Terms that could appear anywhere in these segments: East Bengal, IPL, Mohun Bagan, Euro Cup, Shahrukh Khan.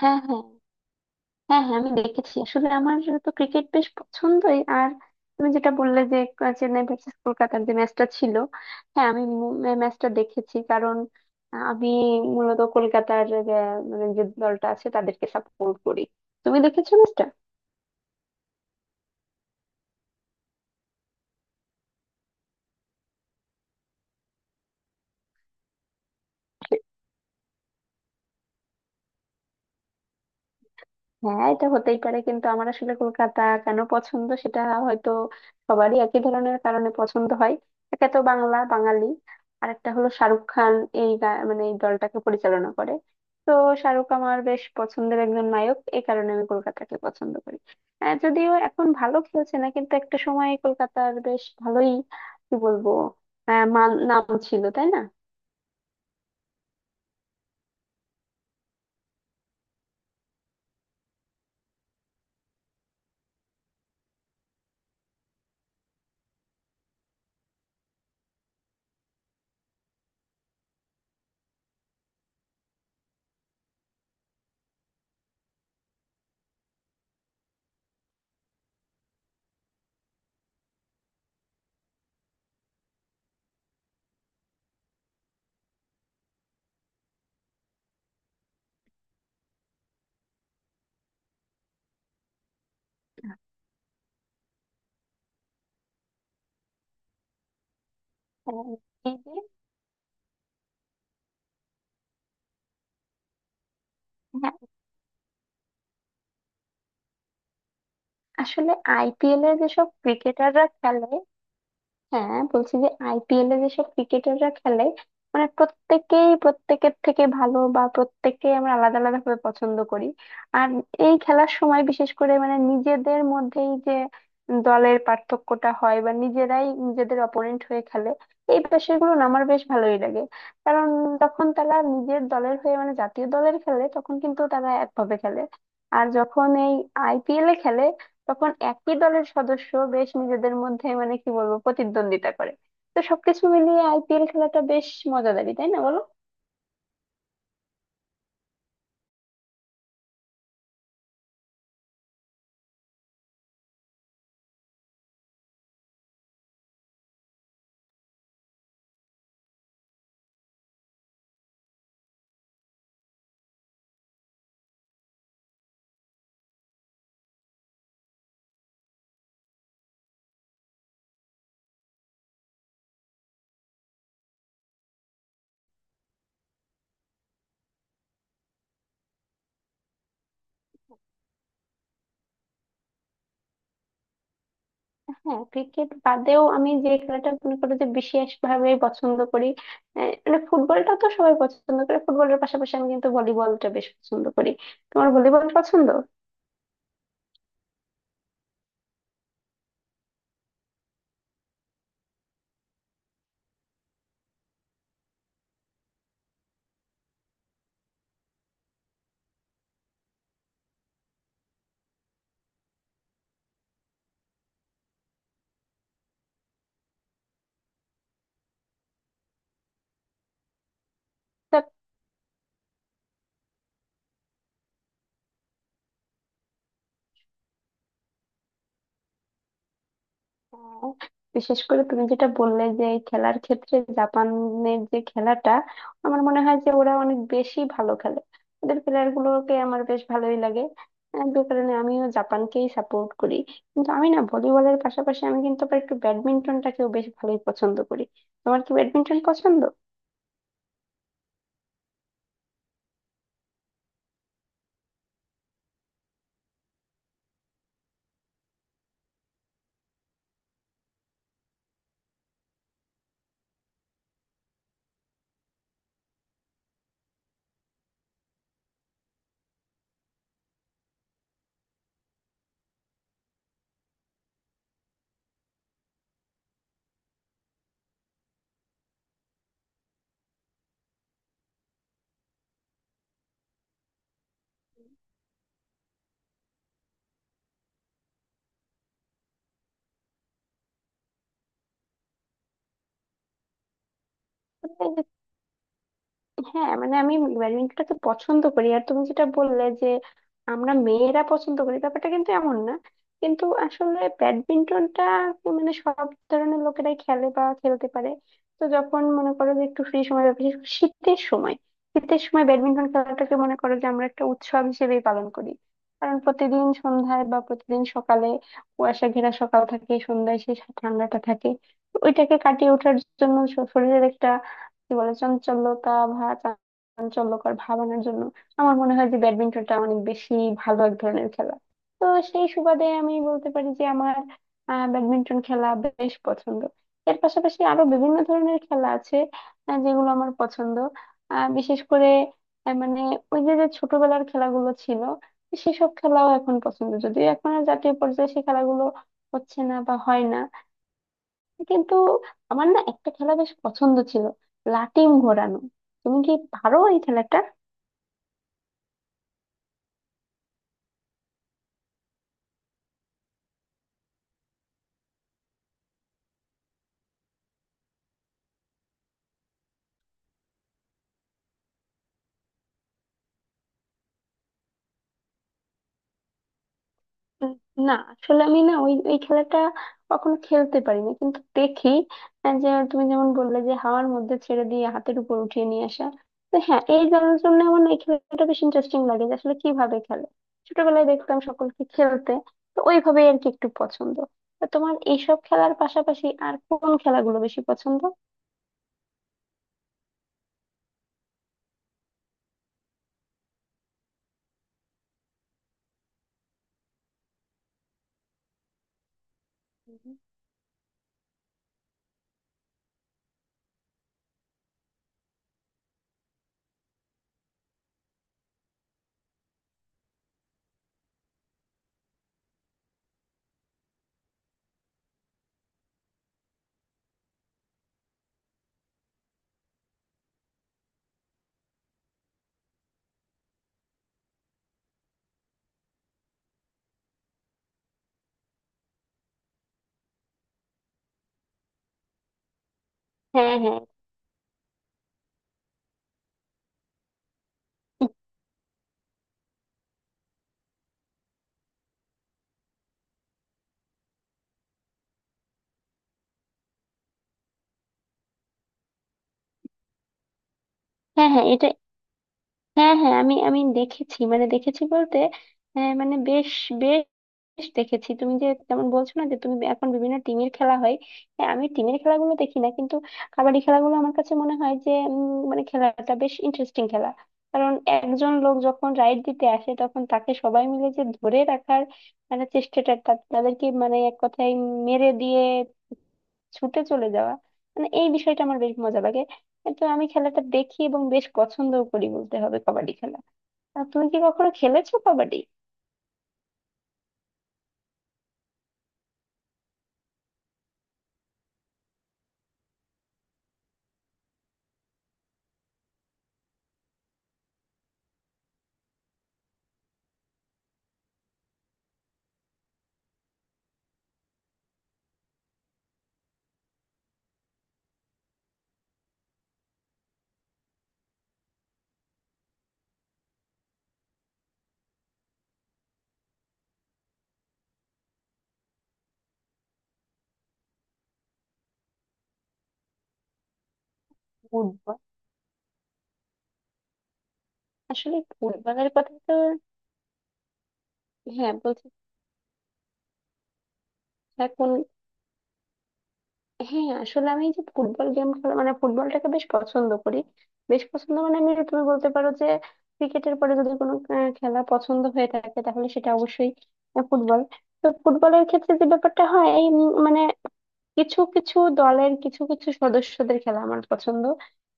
হ্যাঁ হ্যাঁ. হ্যাঁ হ্যাঁ, আমি দেখেছি। আসলে আমার তো ক্রিকেট বেশ পছন্দই। আর তুমি যেটা বললে যে চেন্নাই ভার্সেস কলকাতার যে ম্যাচটা ছিল, হ্যাঁ আমি ম্যাচটা দেখেছি। কারণ আমি মূলত কলকাতার, মানে যে দলটা আছে তাদেরকে সাপোর্ট করি। তুমি দেখেছো ম্যাচটা? হ্যাঁ, এটা হতেই পারে, কিন্তু আমার আসলে কলকাতা কেন পছন্দ সেটা হয়তো সবারই একই ধরনের কারণে পছন্দ হয়। একে তো বাংলা বাঙালি, আর একটা হলো শাহরুখ খান মানে এই দলটাকে পরিচালনা করে। তো শাহরুখ আমার বেশ পছন্দের একজন নায়ক, এই কারণে আমি কলকাতাকে পছন্দ করি। যদিও এখন ভালো খেলছে না, কিন্তু একটা সময় কলকাতার বেশ ভালোই, কি বলবো, মান নাম ছিল, তাই না? আহ, এই যে, হ্যাঁ আসলে আইপিএল এর যেসব ক্রিকেটাররা খেলে, হ্যাঁ বলছি যে আইপিএল এ যেসব ক্রিকেটাররা খেলে, মানে প্রত্যেকেই প্রত্যেকের থেকে ভালো, বা প্রত্যেককে আমরা আলাদা আলাদা ভাবে পছন্দ করি। আর এই খেলার সময় বিশেষ করে মানে নিজেদের মধ্যেই যে দলের পার্থক্যটা হয় বা নিজেরাই নিজেদের অপোনেন্ট হয়ে খেলে, এই বিষয়গুলো না আমার বেশ ভালোই লাগে। কারণ তখন তারা নিজের দলের হয়ে মানে জাতীয় দলের খেলে তখন কিন্তু তারা একভাবে খেলে, আর যখন এই আইপিএল এ খেলে তখন একই দলের সদস্য বেশ নিজেদের মধ্যে মানে কি বলবো প্রতিদ্বন্দ্বিতা করে। তো সবকিছু মিলিয়ে আইপিএল খেলাটা বেশ মজাদারি, তাই না বলো? হ্যাঁ, ক্রিকেট বাদেও আমি যে খেলাটা মনে করো যে বিশেষ ভাবে পছন্দ করি, মানে ফুটবলটা তো সবাই পছন্দ করে, ফুটবলের পাশাপাশি আমি কিন্তু ভলিবলটা বেশ পছন্দ করি। তোমার ভলিবল পছন্দ? আহ, বিশেষ করে তুমি যেটা বললে যে এই খেলার ক্ষেত্রে জাপানের যে খেলাটা, আমার মনে হয় যে ওরা অনেক বেশি ভালো খেলে, ওদের প্লেয়ার গুলোকে আমার বেশ ভালোই লাগে। যে কারণে আমিও জাপানকেই সাপোর্ট করি। কিন্তু আমি না ভলিবলের পাশাপাশি আমি কিন্তু আবার একটু ব্যাডমিন্টনটাকেও বেশ ভালোই পছন্দ করি। তোমার কি ব্যাডমিন্টন পছন্দ? হ্যাঁ মানে আমি ব্যাডমিন্টনটা তো পছন্দ করি, আর তুমি যেটা বললে যে আমরা মেয়েরা পছন্দ করি, ব্যাপারটা কিন্তু এমন না। কিন্তু আসলে ব্যাডমিন্টনটা মানে সব ধরনের লোকেরাই খেলে বা খেলতে পারে। তো যখন মনে করো যে একটু ফ্রি সময় বা বিশেষ করে শীতের সময়, শীতের সময় ব্যাডমিন্টন খেলাটাকে মনে করো যে আমরা একটা উৎসব হিসেবেই পালন করি। কারণ প্রতিদিন সন্ধ্যায় বা প্রতিদিন সকালে কুয়াশা ঘেরা সকাল থাকে, সন্ধ্যায় সেই ঠান্ডাটা থাকে। তো ওইটাকে কাটিয়ে ওঠার জন্য শরীরের একটা কি বলে চাঞ্চল্যতা, ভা চাঞ্চল্যকর ভাব আনার জন্য আমার মনে হয় যে ব্যাডমিন্টনটা অনেক বেশি ভালো এক ধরনের খেলা। তো সেই সুবাদে আমি বলতে পারি যে আমার ব্যাডমিন্টন খেলা বেশ পছন্দ। এর পাশাপাশি আরো বিভিন্ন ধরনের খেলা আছে যেগুলো আমার পছন্দ। বিশেষ করে মানে ওই যে যে ছোটবেলার খেলাগুলো ছিল সেসব খেলাও এখন পছন্দ, যদিও এখন আর জাতীয় পর্যায়ে সেই খেলাগুলো হচ্ছে না বা হয় না। কিন্তু আমার না একটা খেলা বেশ পছন্দ ছিল, লাটিম ঘোরানো। তুমি কি পারো এই খেলাটা? উম, না আসলে আমি না ওই ওই খেলাটা কখনো খেলতে পারিনি, কিন্তু দেখি যে তুমি যেমন বললে যে হাওয়ার মধ্যে ছেড়ে দিয়ে হাতের উপর উঠিয়ে নিয়ে আসা। তো হ্যাঁ এই জানার জন্য আমার না এই খেলাটা বেশ ইন্টারেস্টিং লাগে যে আসলে কিভাবে খেলে। ছোটবেলায় দেখতাম সকলকে খেলতে। তো ওইভাবেই আর কি একটু পছন্দ। তো তোমার এইসব খেলার পাশাপাশি আর কোন খেলাগুলো বেশি পছন্দ? হ্যাঁ হ্যাঁ. হ্যাঁ হ্যাঁ এটা, হ্যাঁ হ্যাঁ আমি আমি দেখেছি, মানে দেখেছি বলতে মানে বেশ বেশ দেখেছি। তুমি যে যেমন বলছো না যে তুমি এখন বিভিন্ন টিমের খেলা হয়, হ্যাঁ আমি টিমের খেলাগুলো দেখি না, কিন্তু কাবাডি খেলাগুলো আমার কাছে মনে হয় যে মানে খেলাটা বেশ ইন্টারেস্টিং খেলা। কারণ একজন লোক যখন রাইড দিতে আসে তখন তাকে সবাই মিলে যে ধরে রাখার মানে চেষ্টাটা, তাদেরকে মানে এক কথায় মেরে দিয়ে ছুটে চলে যাওয়া, মানে এই বিষয়টা আমার বেশ মজা লাগে। তো আমি খেলাটা দেখি এবং বেশ পছন্দও করি বলতে হবে কাবাডি খেলা। আর তুমি কি কখনো খেলেছো কবাডি? ফুটবল, আসলে ফুটবলের কথা তো হ্যাঁ বলছি। এখন? হ্যাঁ আসলে আমি যে ফুটবল গেম খেলা মানে ফুটবলটাকে বেশ পছন্দ করি। বেশ পছন্দ মানে আমি, তুমি বলতে পারো যে ক্রিকেটের পরে যদি কোনো খেলা পছন্দ হয়ে থাকে তাহলে সেটা অবশ্যই ফুটবল। তো ফুটবলের ক্ষেত্রে যে ব্যাপারটা হয় এই মানে কিছু কিছু দলের কিছু কিছু সদস্যদের খেলা আমার পছন্দ,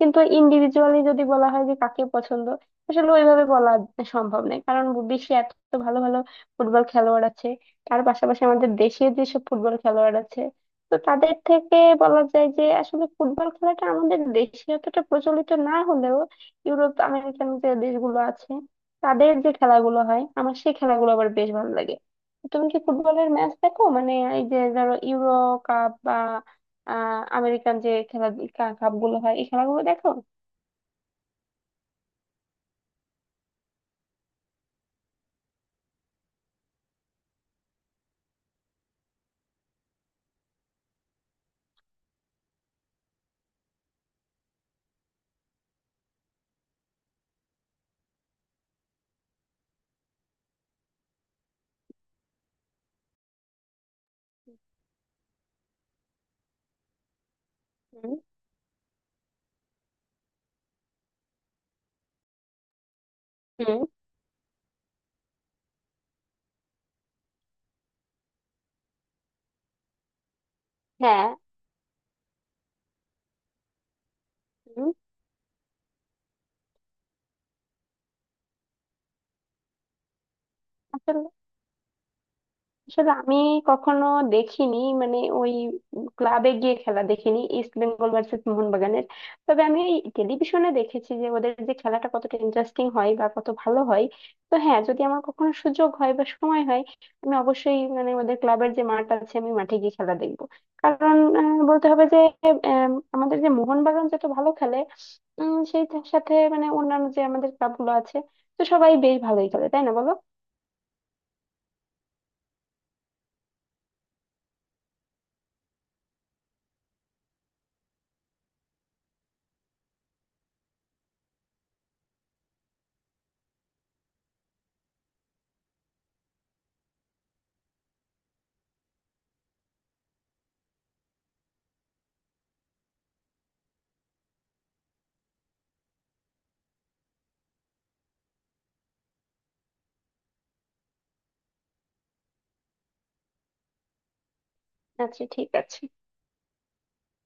কিন্তু ইন্ডিভিজুয়ালি যদি বলা হয় যে কাকে পছন্দ, আসলে ওইভাবে বলা সম্ভব নয়। কারণ বিশ্বে এত ভালো ভালো ফুটবল খেলোয়াড় আছে, তার পাশাপাশি আমাদের দেশে যেসব ফুটবল খেলোয়াড় আছে, তো তাদের থেকে বলা যায় যে আসলে ফুটবল খেলাটা আমাদের দেশে অতটা প্রচলিত না হলেও ইউরোপ আমেরিকান যে দেশগুলো আছে তাদের যে খেলাগুলো হয়, আমার সেই খেলাগুলো আবার বেশ ভালো লাগে। তুমি কি ফুটবলের ম্যাচ দেখো? মানে এই যে ধরো ইউরো কাপ বা আমেরিকান যে খেলা কাপ গুলো হয়, এই খেলাগুলো দেখো? হুম. হুম. হ্যাঁ. হুম, আসলে আমি কখনো দেখিনি, মানে ওই ক্লাবে গিয়ে খেলা দেখিনি, ইস্ট বেঙ্গল ভার্সেস মোহনবাগানের। তবে আমি ওই টেলিভিশনে দেখেছি যে ওদের যে খেলাটা কতটা ইন্টারেস্টিং হয় বা কত ভালো হয়। তো হ্যাঁ যদি আমার কখনো সুযোগ হয় বা সময় হয়, আমি অবশ্যই মানে ওদের ক্লাবের যে মাঠ আছে আমি মাঠে গিয়ে খেলা দেখবো। কারণ বলতে হবে যে আমাদের যে মোহনবাগান যত ভালো খেলে, সেই তার সাথে মানে অন্যান্য যে আমাদের ক্লাবগুলো আছে, তো সবাই বেশ ভালোই খেলে, তাই না বলো? আচ্ছা ঠিক আছে।